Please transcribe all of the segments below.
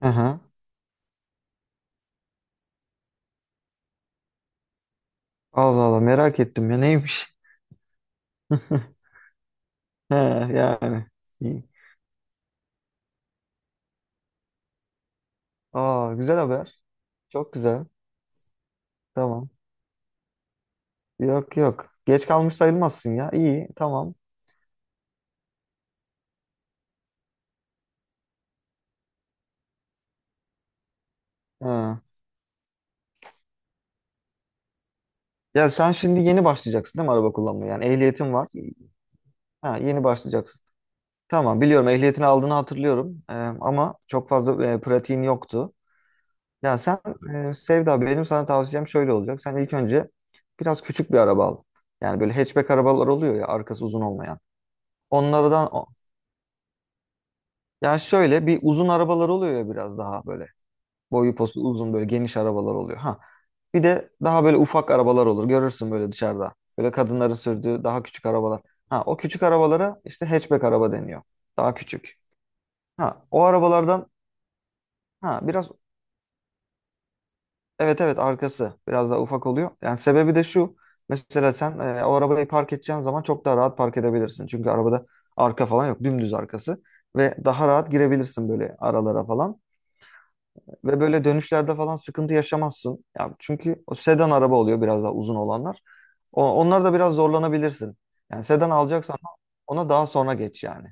Aha. Allah Allah merak ettim ya neymiş? He, yani. İyi. Aa güzel haber. Çok güzel. Tamam. Yok yok. Geç kalmış sayılmazsın ya. İyi tamam. Ha. Ya sen şimdi yeni başlayacaksın değil mi araba kullanmaya? Yani ehliyetin var. Ha, yeni başlayacaksın. Tamam biliyorum ehliyetini aldığını hatırlıyorum. Ama çok fazla pratiğin yoktu. Ya sen Sevda, benim sana tavsiyem şöyle olacak. Sen ilk önce biraz küçük bir araba al. Yani böyle hatchback arabalar oluyor ya, arkası uzun olmayan. Onlardan yani, şöyle bir uzun arabalar oluyor ya, biraz daha böyle boyu posu uzun, böyle geniş arabalar oluyor. Ha. Bir de daha böyle ufak arabalar olur. Görürsün böyle dışarıda. Böyle kadınların sürdüğü daha küçük arabalar. Ha, o küçük arabalara işte hatchback araba deniyor. Daha küçük. Ha, o arabalardan, ha biraz, evet evet, arkası biraz daha ufak oluyor. Yani sebebi de şu. Mesela sen o arabayı park edeceğin zaman çok daha rahat park edebilirsin. Çünkü arabada arka falan yok. Dümdüz arkası ve daha rahat girebilirsin böyle aralara falan. Ve böyle dönüşlerde falan sıkıntı yaşamazsın. Ya çünkü o sedan araba oluyor, biraz daha uzun olanlar. Onlar da biraz zorlanabilirsin. Yani sedan alacaksan ona daha sonra geç yani.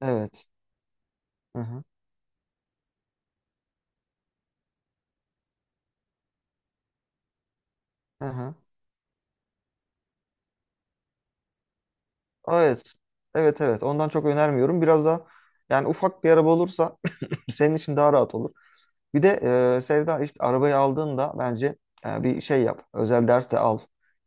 Evet. Hı hı. Hı hı. Evet. Evet evet. Ondan çok önermiyorum. Biraz daha, yani ufak bir araba olursa senin için daha rahat olur. Bir de Sevda, ilk arabayı aldığında bence bir şey yap. Özel ders de al.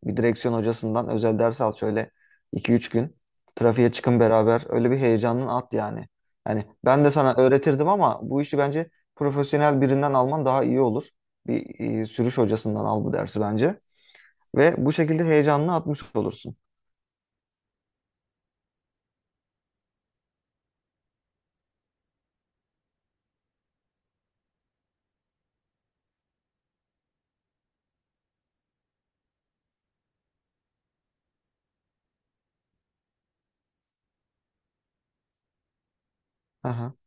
Bir direksiyon hocasından özel ders al, şöyle iki üç gün. Trafiğe çıkın beraber. Öyle bir heyecanını at yani. Yani ben de sana öğretirdim ama bu işi bence profesyonel birinden alman daha iyi olur. Bir sürüş hocasından al bu dersi bence. Ve bu şekilde heyecanını atmış olursun.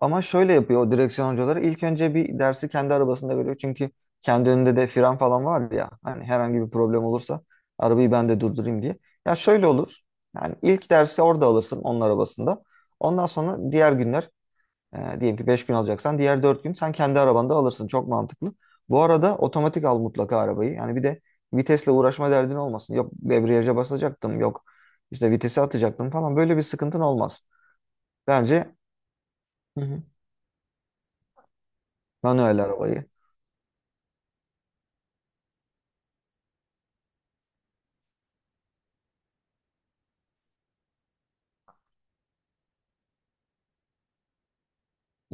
Ama şöyle yapıyor o direksiyon hocaları. İlk önce bir dersi kendi arabasında veriyor. Çünkü kendi önünde de fren falan var ya. Hani herhangi bir problem olursa arabayı ben de durdurayım diye. Ya şöyle olur. Yani ilk dersi orada alırsın, onun arabasında. Ondan sonra diğer günler, diyelim ki 5 gün alacaksan, diğer 4 gün sen kendi arabanda alırsın. Çok mantıklı. Bu arada otomatik al mutlaka arabayı. Yani bir de vitesle uğraşma derdin olmasın. Yok debriyaja basacaktım, yok işte vitesi atacaktım falan. Böyle bir sıkıntın olmaz. Bence, hı hı, manuel arabayı.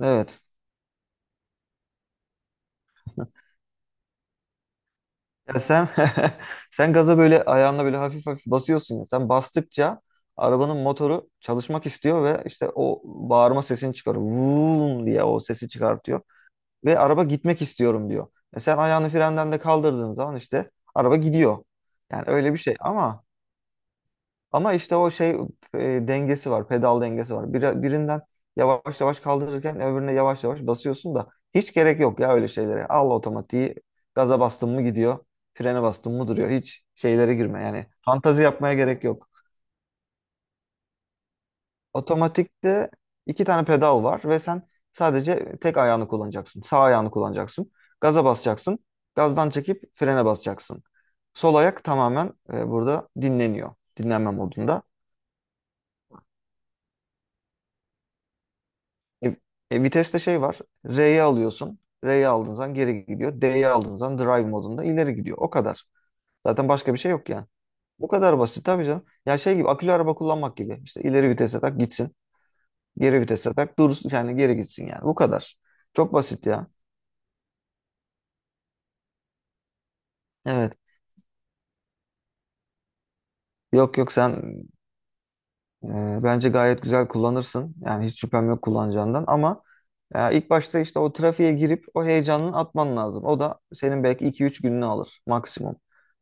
Evet. Ya sen sen gaza böyle ayağınla böyle hafif hafif basıyorsun ya. Sen bastıkça arabanın motoru çalışmak istiyor ve işte o bağırma sesini çıkarıyor. Vuuu diye o sesi çıkartıyor. Ve araba gitmek istiyorum diyor. E, sen ayağını frenden de kaldırdığın zaman işte araba gidiyor. Yani öyle bir şey ama. İşte o şey, dengesi var, pedal dengesi var. Birinden yavaş yavaş kaldırırken öbürüne yavaş yavaş basıyorsun da hiç gerek yok ya öyle şeylere. Al otomatiği, gaza bastın mı gidiyor, frene bastın mı duruyor. Hiç şeylere girme yani. Fantazi yapmaya gerek yok. Otomatikte iki tane pedal var ve sen sadece tek ayağını kullanacaksın. Sağ ayağını kullanacaksın. Gaza basacaksın. Gazdan çekip frene basacaksın. Sol ayak tamamen burada dinleniyor. Dinlenme modunda. E, Viteste şey var. R'ye alıyorsun. R'ye aldığın zaman geri gidiyor. D'ye aldığın zaman drive modunda ileri gidiyor. O kadar. Zaten başka bir şey yok yani. Bu kadar basit tabii canım. Ya şey gibi, akülü araba kullanmak gibi. İşte ileri vitese tak gitsin. Geri vitese tak dursun, yani geri gitsin yani. Bu kadar. Çok basit ya. Evet. Yok yok sen. Bence gayet güzel kullanırsın. Yani hiç şüphem yok kullanacağından ama ilk başta işte o trafiğe girip o heyecanını atman lazım. O da senin belki iki üç gününü alır maksimum.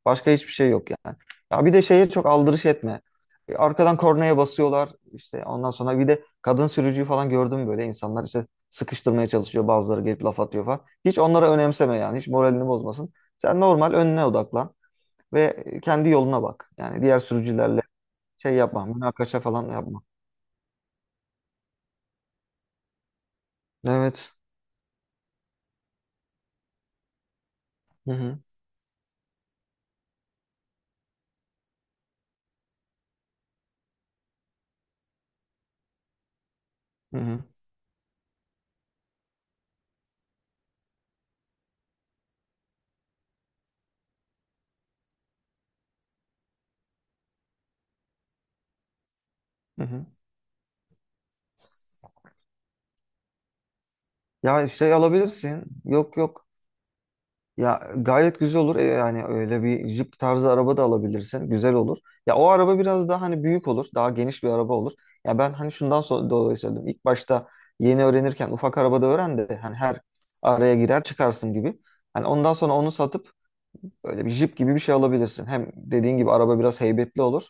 Başka hiçbir şey yok yani. Ya bir de şeye çok aldırış etme. Arkadan kornaya basıyorlar işte, ondan sonra bir de kadın sürücüyü falan gördüm, böyle insanlar işte sıkıştırmaya çalışıyor, bazıları gelip laf atıyor falan. Hiç onlara önemseme yani, hiç moralini bozmasın. Sen normal önüne odaklan ve kendi yoluna bak. Yani diğer sürücülerle şey yapma, münakaşa falan yapma. Evet. Hı hı. Hı hı. Hı hı. Ya şey alabilirsin. Yok yok. Ya gayet güzel olur. Yani öyle bir jip tarzı araba da alabilirsin. Güzel olur. Ya o araba biraz daha hani büyük olur. Daha geniş bir araba olur. Ya ben hani şundan dolayı söyledim. İlk başta yeni öğrenirken ufak arabada öğren de hani her araya girer çıkarsın gibi. Hani ondan sonra onu satıp böyle bir jip gibi bir şey alabilirsin. Hem dediğin gibi araba biraz heybetli olur.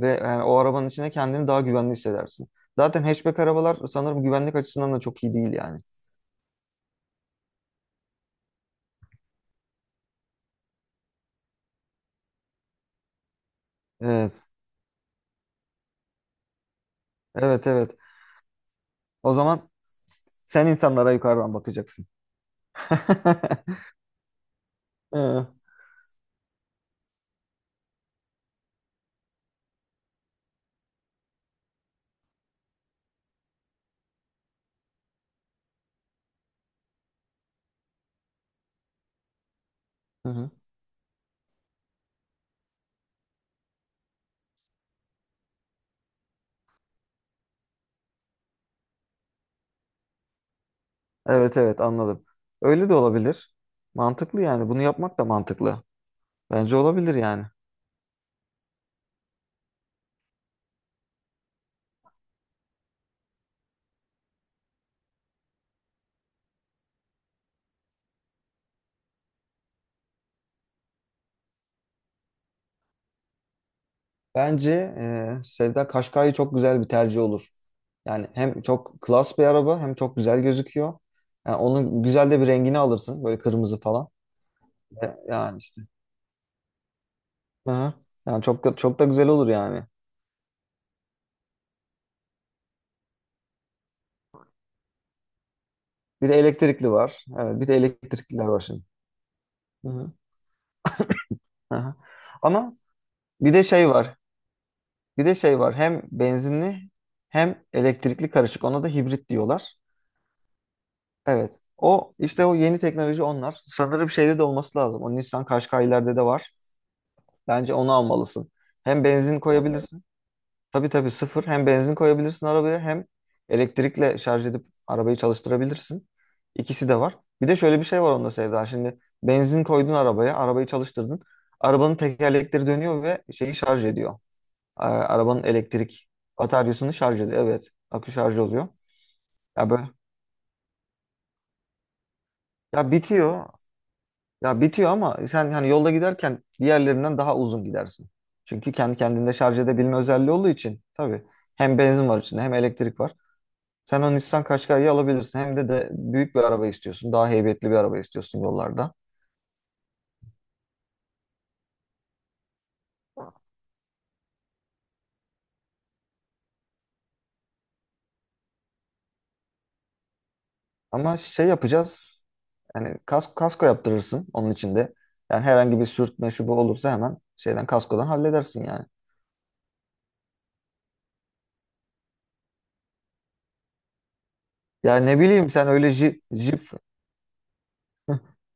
Ve yani o arabanın içine kendini daha güvenli hissedersin. Zaten hatchback arabalar sanırım güvenlik açısından da çok iyi değil yani. Evet. Evet evet. O zaman sen insanlara yukarıdan bakacaksın. Hı hı. Evet evet, anladım. Öyle de olabilir. Mantıklı yani. Bunu yapmak da mantıklı. Bence olabilir yani. Bence Sevda, Kaşkay'ı çok güzel bir tercih olur. Yani hem çok klas bir araba, hem çok güzel gözüküyor. Yani onun güzel de bir rengini alırsın, böyle kırmızı falan. Ve yani işte. Hı hı. Yani çok da güzel olur yani. Bir de elektrikli var. Evet, bir de elektrikliler var şimdi. Hı hı. Hı hı. Ama bir de şey var. Bir de şey var. Hem benzinli hem elektrikli karışık. Ona da hibrit diyorlar. Evet. O işte, o yeni teknoloji onlar. Sanırım şeyde de olması lazım. O Nissan Qashqai'lerde de var. Bence onu almalısın. Hem benzin vallahi koyabilirsin. Tabii tabii sıfır. Hem benzin koyabilirsin arabaya, hem elektrikle şarj edip arabayı çalıştırabilirsin. İkisi de var. Bir de şöyle bir şey var onda Sevda. Şimdi benzin koydun arabaya, arabayı çalıştırdın. Arabanın tekerlekleri dönüyor ve şeyi şarj ediyor. A- Arabanın elektrik bataryasını şarj ediyor. Evet, akü şarj oluyor. Ya böyle, ya bitiyor. Ya bitiyor ama sen hani yolda giderken diğerlerinden daha uzun gidersin. Çünkü kendi kendinde şarj edebilme özelliği olduğu için tabii, hem benzin var içinde hem elektrik var. Sen o Nissan Qashqai'yi alabilirsin. Hem de büyük bir araba istiyorsun. Daha heybetli bir araba istiyorsun yollarda. Ama şey yapacağız. Yani kasko yaptırırsın onun içinde. Yani herhangi bir sürtme şu bu olursa hemen şeyden, kaskodan halledersin yani. Ya ne bileyim, sen öyle jip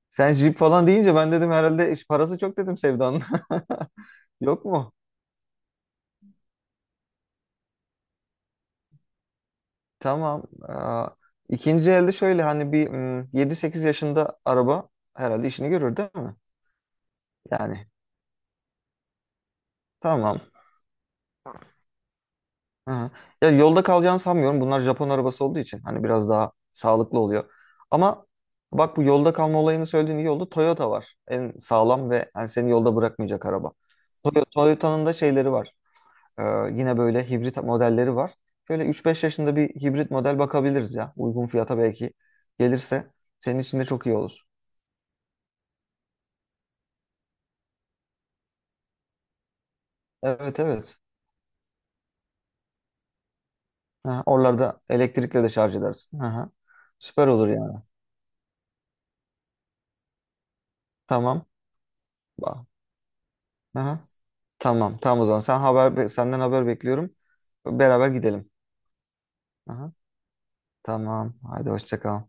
sen jip falan deyince ben dedim herhalde iş parası çok, dedim, Sevda'nın. Yok mu? Tamam. Aa, ikinci elde şöyle hani bir 7-8 yaşında araba herhalde işini görür değil mi? Yani tamam. Aha. Ya yolda kalacağını sanmıyorum. Bunlar Japon arabası olduğu için hani biraz daha sağlıklı oluyor. Ama bak, bu yolda kalma olayını söylediğin iyi oldu. Toyota var. En sağlam ve hani seni yolda bırakmayacak araba. Toyota'nın da şeyleri var. Ee, Yine böyle hibrit modelleri var. Şöyle üç beş yaşında bir hibrit model bakabiliriz ya. Uygun fiyata belki gelirse senin için de çok iyi olur. Evet evet. Ha, oralarda elektrikle de şarj edersin. Aha. Süper olur yani. Tamam. Ba- Aha. Tamam. Tamam o zaman. Senden haber bekliyorum. Beraber gidelim. Aha. Tamam. Haydi hoşça kal.